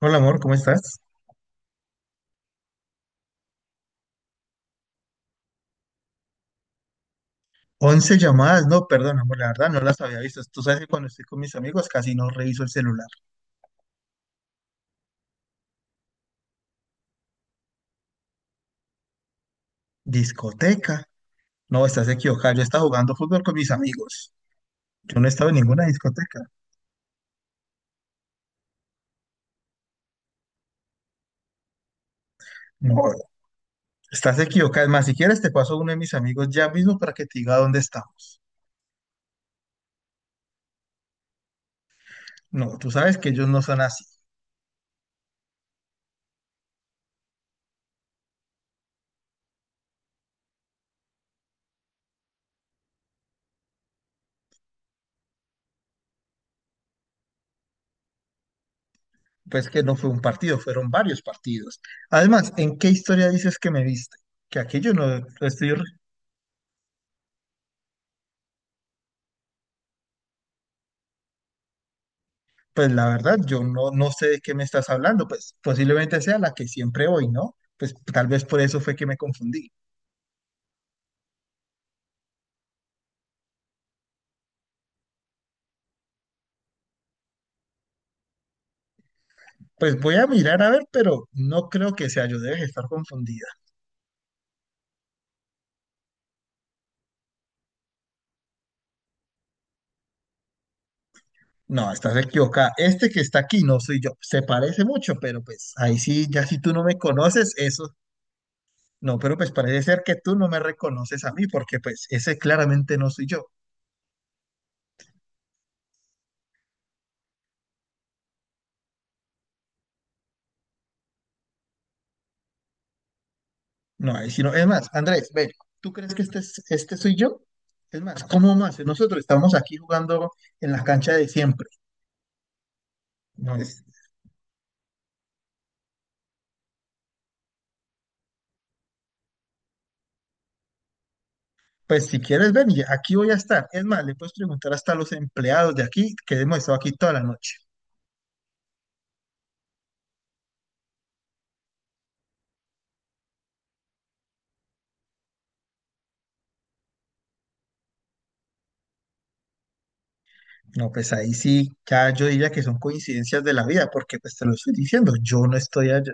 Hola amor, ¿cómo estás? 11 llamadas, no, perdón amor, la verdad no las había visto. Tú sabes que cuando estoy con mis amigos casi no reviso el celular. Discoteca, no, estás equivocada. Yo estaba jugando fútbol con mis amigos. Yo no estaba en ninguna discoteca. No, estás equivocada. Es más, si quieres te paso a uno de mis amigos ya mismo para que te diga dónde estamos. No, tú sabes que ellos no son así. Pues que no fue un partido, fueron varios partidos. Además, ¿en qué historia dices que me viste? Que aquí yo no estoy. Pues la verdad, yo no sé de qué me estás hablando, pues posiblemente sea la que siempre voy, ¿no? Pues tal vez por eso fue que me confundí. Pues voy a mirar a ver, pero no creo que sea yo, debes estar confundida. No, estás equivocada. Este que está aquí no soy yo. Se parece mucho, pero pues ahí sí, ya si tú no me conoces, eso. No, pero pues parece ser que tú no me reconoces a mí, porque pues ese claramente no soy yo. No, ahí sí no. Es más, Andrés, ven, ¿tú crees que este soy yo? Es más, ¿cómo más? Nosotros estamos aquí jugando en la cancha de siempre. No es- Pues si quieres, ven, y aquí voy a estar. Es más, le puedes preguntar hasta a los empleados de aquí que hemos estado aquí toda la noche. No, pues ahí sí, ya yo diría que son coincidencias de la vida, porque pues te lo estoy diciendo, yo no estoy allá.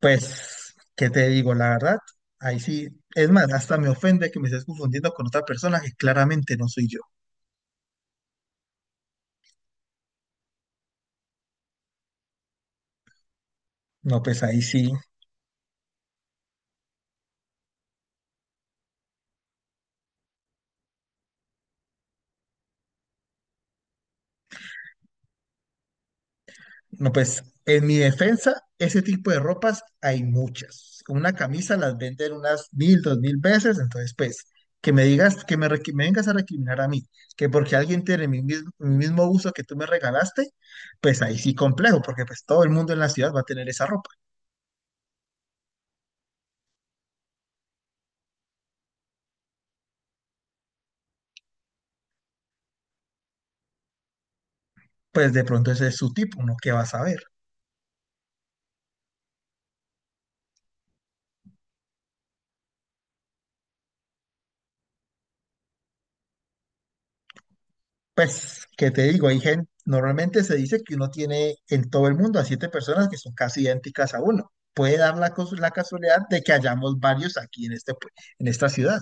Pues, ¿qué te digo? La verdad, ahí sí. Es más, hasta me ofende que me estés confundiendo con otra persona que claramente no soy yo. No, pues ahí sí. No, pues en mi defensa, ese tipo de ropas hay muchas. Una camisa las venden unas 1000, 2000 veces, entonces pues que me digas, me vengas a recriminar a mí, que porque alguien tiene mi mismo uso que tú me regalaste, pues ahí sí complejo, porque pues todo el mundo en la ciudad va a tener esa ropa. Pues de pronto ese es su tipo, uno qué va a saber. Pues, ¿qué te digo? Hay gente, normalmente se dice que uno tiene en todo el mundo a 7 personas que son casi idénticas a uno. Puede dar la casualidad de que hayamos varios aquí en esta ciudad.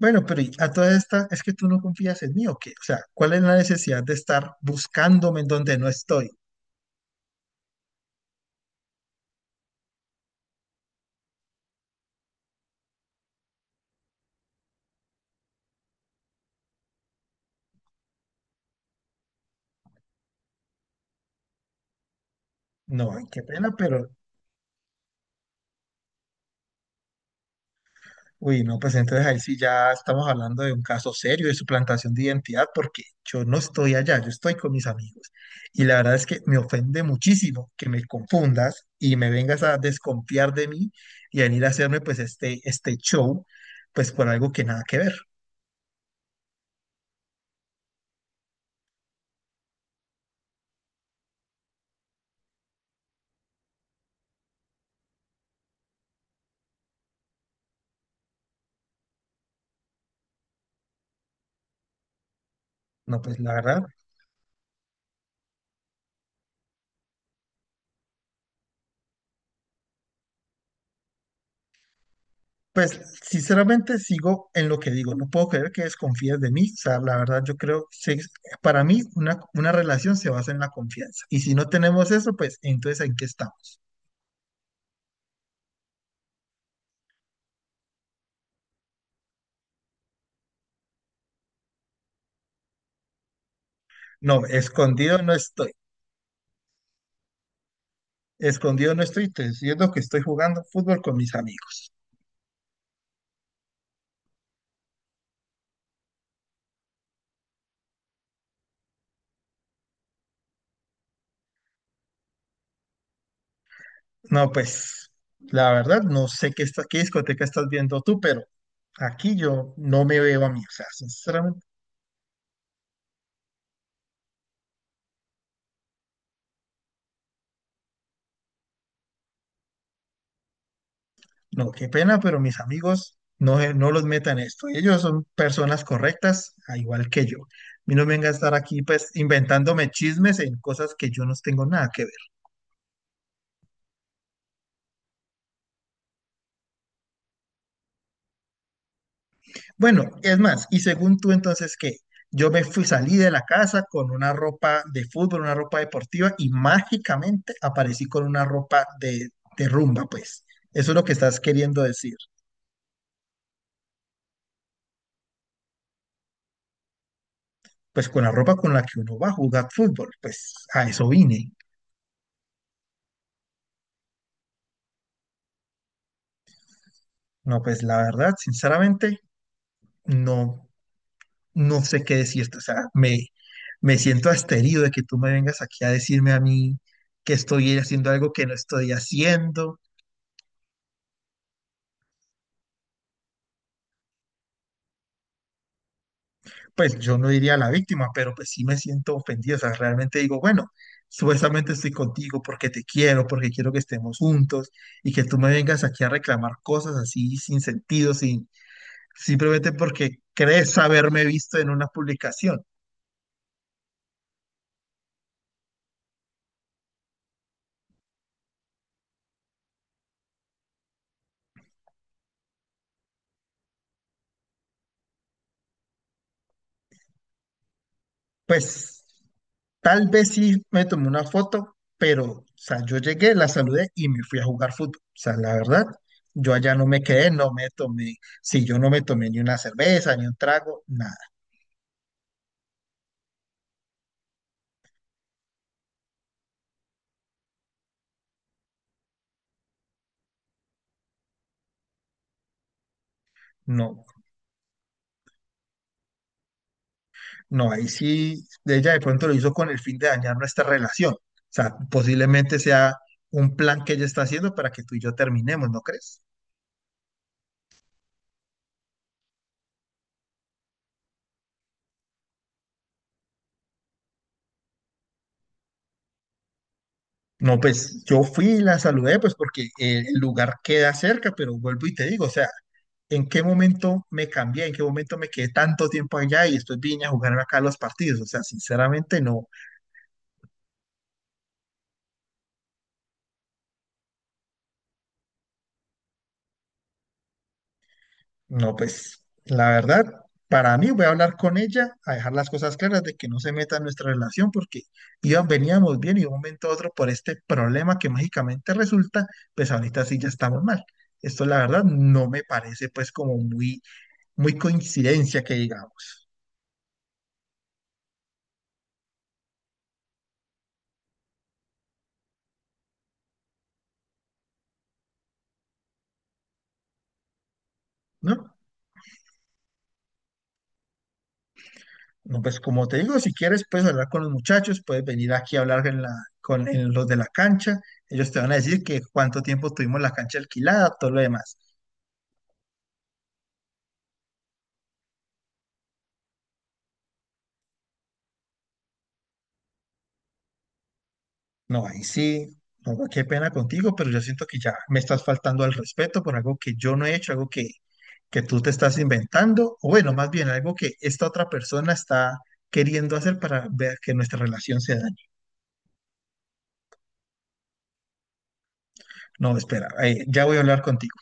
Bueno, pero y a todas estas, ¿es que tú no confías en mí o qué? O sea, ¿cuál es la necesidad de estar buscándome en donde no estoy? No, ay, qué pena, pero... Uy, no, pues entonces ahí sí ya estamos hablando de un caso serio de suplantación de identidad, porque yo no estoy allá, yo estoy con mis amigos. Y la verdad es que me ofende muchísimo que me confundas y me vengas a desconfiar de mí y venir a hacerme pues este show, pues por algo que nada que ver. No, pues la verdad, pues sinceramente sigo en lo que digo, no puedo creer que desconfíes de mí. O sea, la verdad yo creo, sí, para mí una relación se basa en la confianza. Y si no tenemos eso, pues entonces ¿en qué estamos? No, escondido no estoy. Escondido no estoy, te diciendo que estoy jugando fútbol con mis amigos. No, pues, la verdad, no sé qué, está, qué discoteca estás viendo tú, pero aquí yo no me veo a mí. O sea, sinceramente, no, qué pena, pero mis amigos no, no los metan en esto. Ellos son personas correctas, a igual que yo. A mí no me venga a estar aquí, pues, inventándome chismes en cosas que yo no tengo nada que ver. Bueno, es más, y según tú entonces, ¿qué? Yo me fui, salí de la casa con una ropa de fútbol, una ropa deportiva y mágicamente aparecí con una ropa de rumba, pues. Eso es lo que estás queriendo decir. Pues con la ropa con la que uno va a jugar fútbol, pues a eso vine. No, pues la verdad, sinceramente, no, no sé qué decirte. O sea, me siento asterido de que tú me vengas aquí a decirme a mí que estoy haciendo algo que no estoy haciendo. Pues yo no diría la víctima, pero pues sí me siento ofendido, o sea, realmente digo, bueno, supuestamente estoy contigo porque te quiero, porque quiero que estemos juntos y que tú me vengas aquí a reclamar cosas así sin sentido, sin, simplemente porque crees haberme visto en una publicación. Pues tal vez sí me tomé una foto, pero, o sea, yo llegué, la saludé y me fui a jugar fútbol, o sea, la verdad. Yo allá no me quedé, si yo no me tomé ni una cerveza, ni un trago, nada, no. No, ahí sí, ella de pronto lo hizo con el fin de dañar nuestra relación. O sea, posiblemente sea un plan que ella está haciendo para que tú y yo terminemos, ¿no crees? No, pues yo fui y la saludé, pues porque el lugar queda cerca, pero vuelvo y te digo, o sea, ¿en qué momento me cambié? ¿En qué momento me quedé tanto tiempo allá y después vine a jugar acá los partidos? O sea, sinceramente no. No, pues la verdad, para mí voy a hablar con ella, a dejar las cosas claras de que no se meta en nuestra relación porque iban, veníamos bien y de un momento a otro por este problema que mágicamente resulta, pues ahorita sí ya estamos mal. Esto la verdad no me parece pues como muy, muy coincidencia que digamos, ¿no? No, pues como te digo, si quieres puedes hablar con los muchachos, puedes venir aquí a hablar con en los de la cancha, ellos te van a decir que cuánto tiempo tuvimos la cancha alquilada, todo lo demás. No, ahí sí, no, qué pena contigo, pero yo siento que ya me estás faltando al respeto por algo que yo no he hecho, algo que tú te estás inventando, o bueno, más bien algo que esta otra persona está queriendo hacer para ver que nuestra relación se dañe. No, espera, ya voy a hablar contigo.